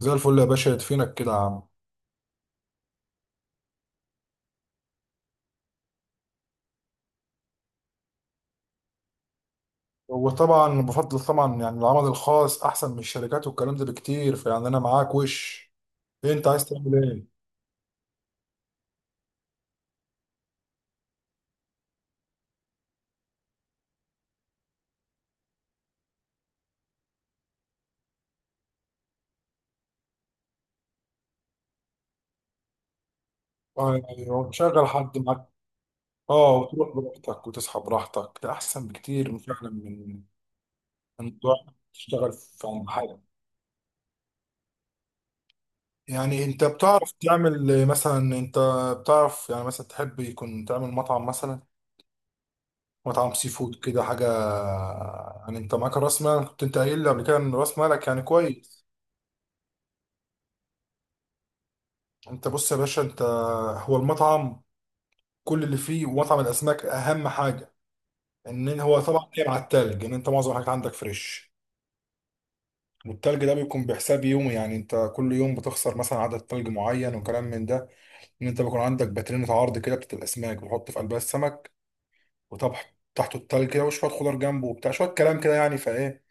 زي الفل يا باشا يدفينك كده يا عم. وطبعا بفضل طبعا العمل الخاص احسن من الشركات والكلام ده بكتير، انا معاك. وش إيه انت عايز تعمل ايه؟ ايوه، تشغل حد معاك. اه، وتروح براحتك وتصحى براحتك، ده احسن بكتير من فعلا من تروح تشتغل في عند حد. يعني انت بتعرف تعمل مثلا، انت بتعرف مثلا تحب يكون تعمل مطعم مثلا، مطعم سي فود كده حاجه. يعني انت معاك راس مال، كنت انت قايل لي قبل كده ان راس مالك يعني كويس. انت بص يا باشا، انت هو المطعم كل اللي فيه، ومطعم الاسماك اهم حاجه ان هو طبعا جاي مع التلج، ان انت معظم الحاجات عندك فريش. والتلج ده بيكون بحساب يومي، يعني انت كل يوم بتخسر مثلا عدد تلج معين وكلام من ده. ان انت بيكون عندك باترينة عرض كده بتاعت الاسماك، بتحط في قلبها السمك وطبح تحته التلج كده، وشويه خضار جنبه وبتاع شويه كلام كده. يعني فايه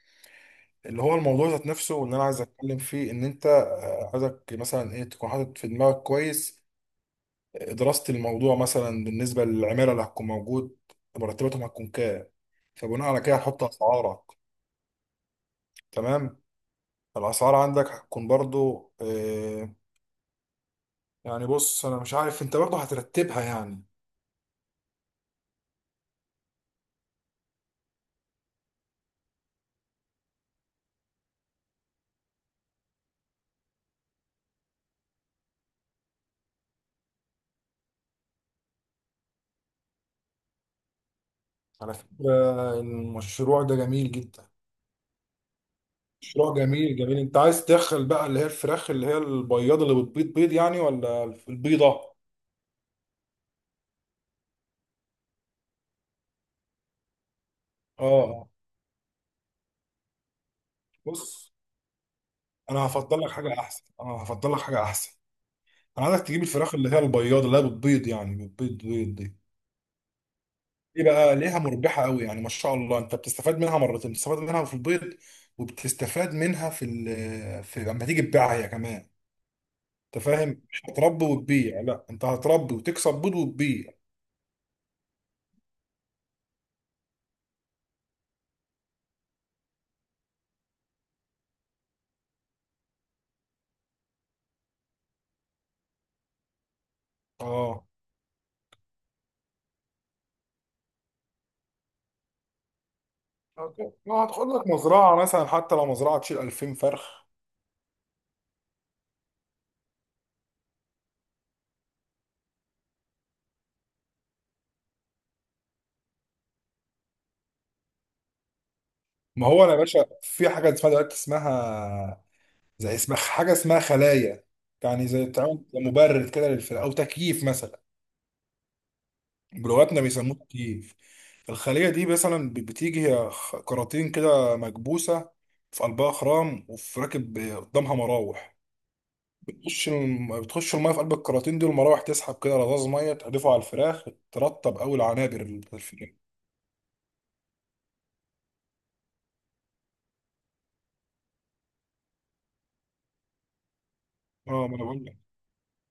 اللي هو الموضوع ذات نفسه، واللي انا عايز اتكلم فيه ان انت عايزك مثلا ايه تكون حاطط في دماغك كويس دراسة الموضوع. مثلا بالنسبة للعمالة اللي هتكون موجود، مرتباتهم هتكون كام، فبناء على كده هتحط أسعارك. تمام. الأسعار عندك هتكون برضو يعني بص، أنا مش عارف أنت برضو هترتبها يعني. على فكرة المشروع ده جميل جدا، مشروع جميل جميل. أنت عايز تدخل بقى اللي هي الفراخ اللي هي البياضة اللي بتبيض بيض، يعني، ولا البيضة؟ اه. آه. بص، أنا هفضل لك حاجة أحسن، أنا هفضل لك حاجة أحسن. أنا عايزك تجيب الفراخ اللي هي البياضة اللي هي بتبيض، يعني بتبيض بيض دي. دي بقى ليها مربحة قوي، يعني ما شاء الله انت بتستفاد منها مرتين، بتستفاد منها في البيض، وبتستفاد منها في في لما تيجي تبيعها هي كمان. انت فاهم، مش هتربي وتبيع، لا انت هتربي وتكسب بيض وتبيع. اه، ما هتاخد لك مزرعة مثلا حتى لو مزرعة تشيل 2000 فرخ. ما هو انا يا باشا في حاجة اسمها دلوقتي اسمها زي، اسمها حاجة اسمها خلايا. يعني زي تعمل مبرد كده للفرخ او تكييف مثلا، جلواتنا بيسموه تكييف. الخلية دي مثلا بتيجي هي كراتين كده مكبوسة، في قلبها خرام وفي راكب قدامها مراوح. بتخش المية في قلب الكراتين دي، والمراوح تسحب كده رذاذ مية تحدفه على الفراخ، ترطب أوي العنابر اللي في الفراخ. اه ما انا بقول لك،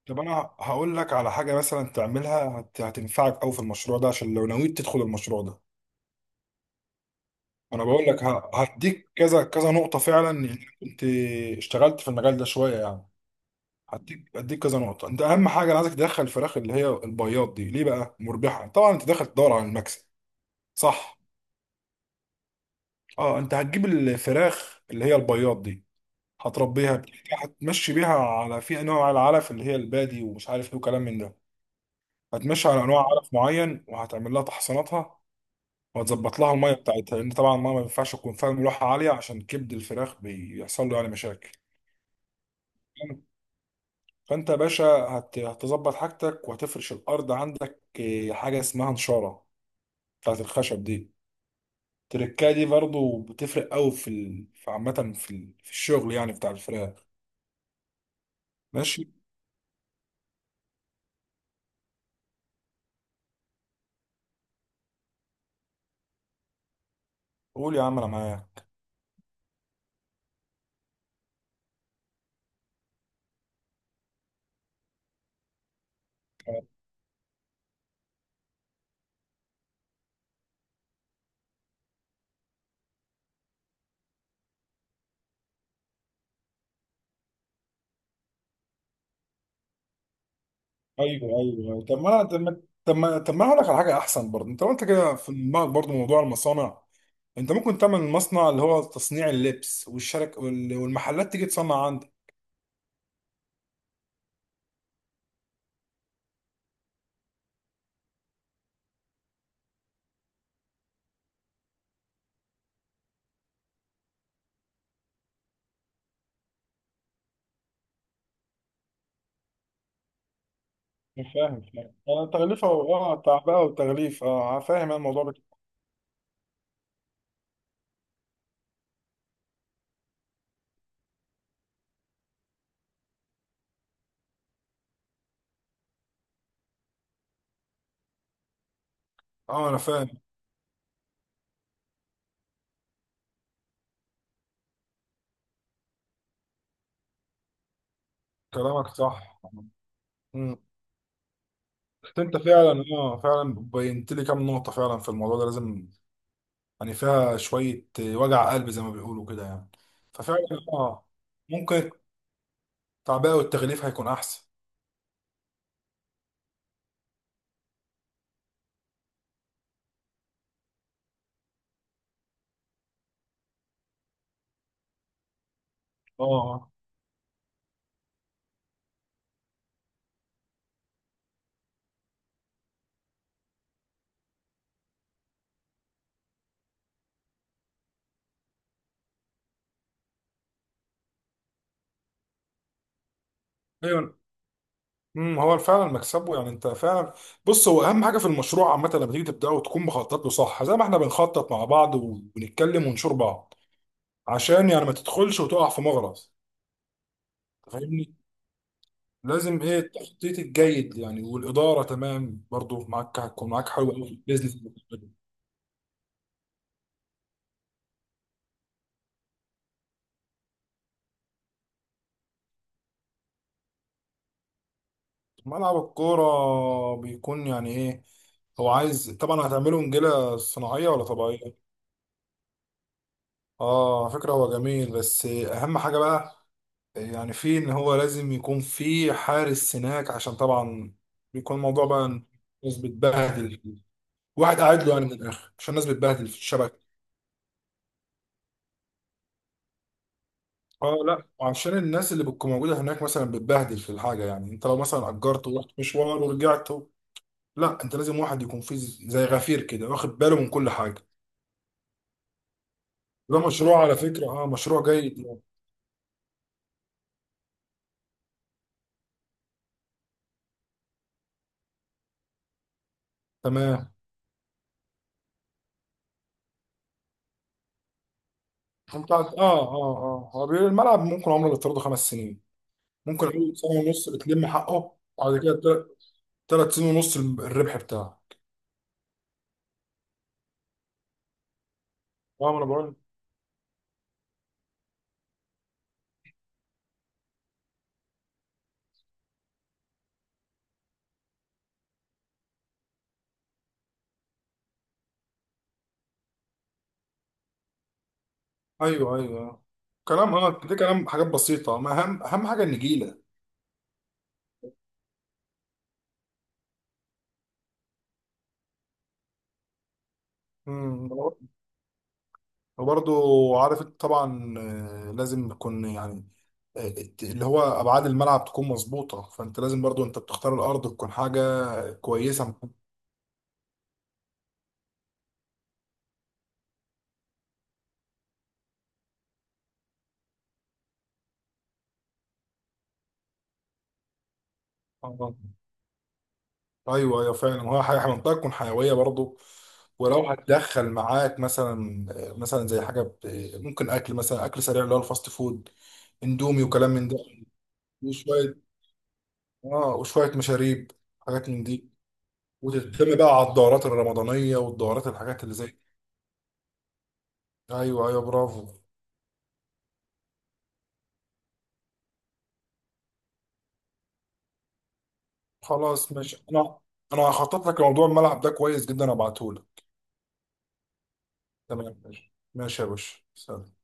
طب انا هقول لك على حاجة مثلا تعملها هت... هتنفعك أوي في المشروع ده عشان لو نويت تدخل المشروع ده. انا بقول لك هديك كذا كذا نقطة فعلا، يعني كنت اشتغلت في المجال ده شوية يعني. هديك، هديك كذا نقطة. انت اهم حاجة انا عايزك تدخل الفراخ اللي هي البياض دي، ليه بقى مربحة؟ طبعا انت داخل تدور على المكسب، صح؟ اه، انت هتجيب الفراخ اللي هي البياض دي، هتربيها، هتمشي بيها على في انواع العلف اللي هي البادي ومش عارف ايه وكلام من ده. هتمشي على انواع علف معين، وهتعمل لها تحصيناتها، وهتظبط لها الميه بتاعتها، لان طبعا الميه ما ينفعش تكون فيها ملوحه عاليه، عشان كبد الفراخ بيحصل له يعني مشاكل. فانت يا باشا هتظبط حاجتك، وهتفرش الارض عندك حاجه اسمها نشاره بتاعت الخشب دي. التركايه دي برضو بتفرق قوي في في عامة في الشغل يعني بتاع الفراخ. ماشي. قول يا عم انا معاك. ايوه ايوه أيوة. طب ما انا طب ما طب ما طب ما أنا هقول لك على حاجه احسن برضه. انت قلت كده في دماغك برضه موضوع المصانع، انت ممكن تعمل مصنع اللي هو تصنيع اللبس والشرك والمحلات تيجي تصنع عندك. أنا فاهم انا تغليفه اه تعبئه وتغليف، اه فاهم أنا الموضوع اه انا فاهم. كلامك صح. انت فعلا، اه فعلا بينت لي كام نقطة فعلا في الموضوع ده لازم، يعني فيها شوية وجع قلب زي ما بيقولوا كده يعني. ففعلا اه، ممكن التعبئة والتغليف هيكون أحسن. اه. ايوه. امم، هو فعلا مكسبه، يعني انت فعلا، بص هو اهم حاجة في المشروع عامة لما تيجي تبدأه تكون مخطط له صح، زي ما احنا بنخطط مع بعض وبنتكلم ونشور بعض، عشان يعني ما تدخلش وتقع في مغرز. أنت فاهمني. لازم ايه التخطيط الجيد يعني، والإدارة تمام برضو معاك، هتكون معاك حلو قوي في البيزنس. ملعب الكورة بيكون يعني ايه؟ هو عايز طبعا هتعمله نجيلة صناعية ولا طبيعية؟ اه فكرة هو جميل، بس اهم حاجة بقى يعني فيه، ان هو لازم يكون فيه حارس هناك، عشان طبعا بيكون الموضوع بقى إن الناس بتبهدل. واحد قاعد له يعني من الاخر، عشان الناس بتبهدل في الشبكة. اه، لا وعشان الناس اللي بتكون موجودة هناك مثلا بتبهدل في الحاجة، يعني انت لو مثلا اجرت ورحت مشوار ورجعت، لا انت لازم واحد يكون فيه زي غفير كده واخد باله من كل حاجة. ده مشروع على فكرة، اه مشروع جيد يعني. تمام. انت هو بيقول الملعب ممكن عمره يفترضه خمس سنين، ممكن اول سنة ونص بتلم حقه، وبعد كده تلات سنين ونص الربح بتاعه. فاهم انا بقول. ايوه ايوه. كلام، اه ده كلام حاجات بسيطة. ما اهم حاجة النجيلة. امم. وبرضه عارف انت طبعا لازم يكون يعني اللي هو ابعاد الملعب تكون مظبوطة، فانت لازم برضه انت بتختار الارض تكون حاجة كويسة. ايوه ايوه فعلا، وهي حاجه منطقه تكون حيويه برضه. ولو هتدخل معاك مثلا، مثلا زي حاجه ممكن اكل مثلا، اكل سريع اللي هو الفاست فود، اندومي وكلام من ده. وشويه، اه وشويه مشاريب، حاجات من دي. وتهتم بقى على الدورات الرمضانيه والدورات الحاجات اللي زي دي. ايوه ايوه برافو. خلاص ماشي. انا هخطط لك لموضوع الملعب ده كويس جدا ابعته لك. تمام ماشي ماشي يا باشا، سلام.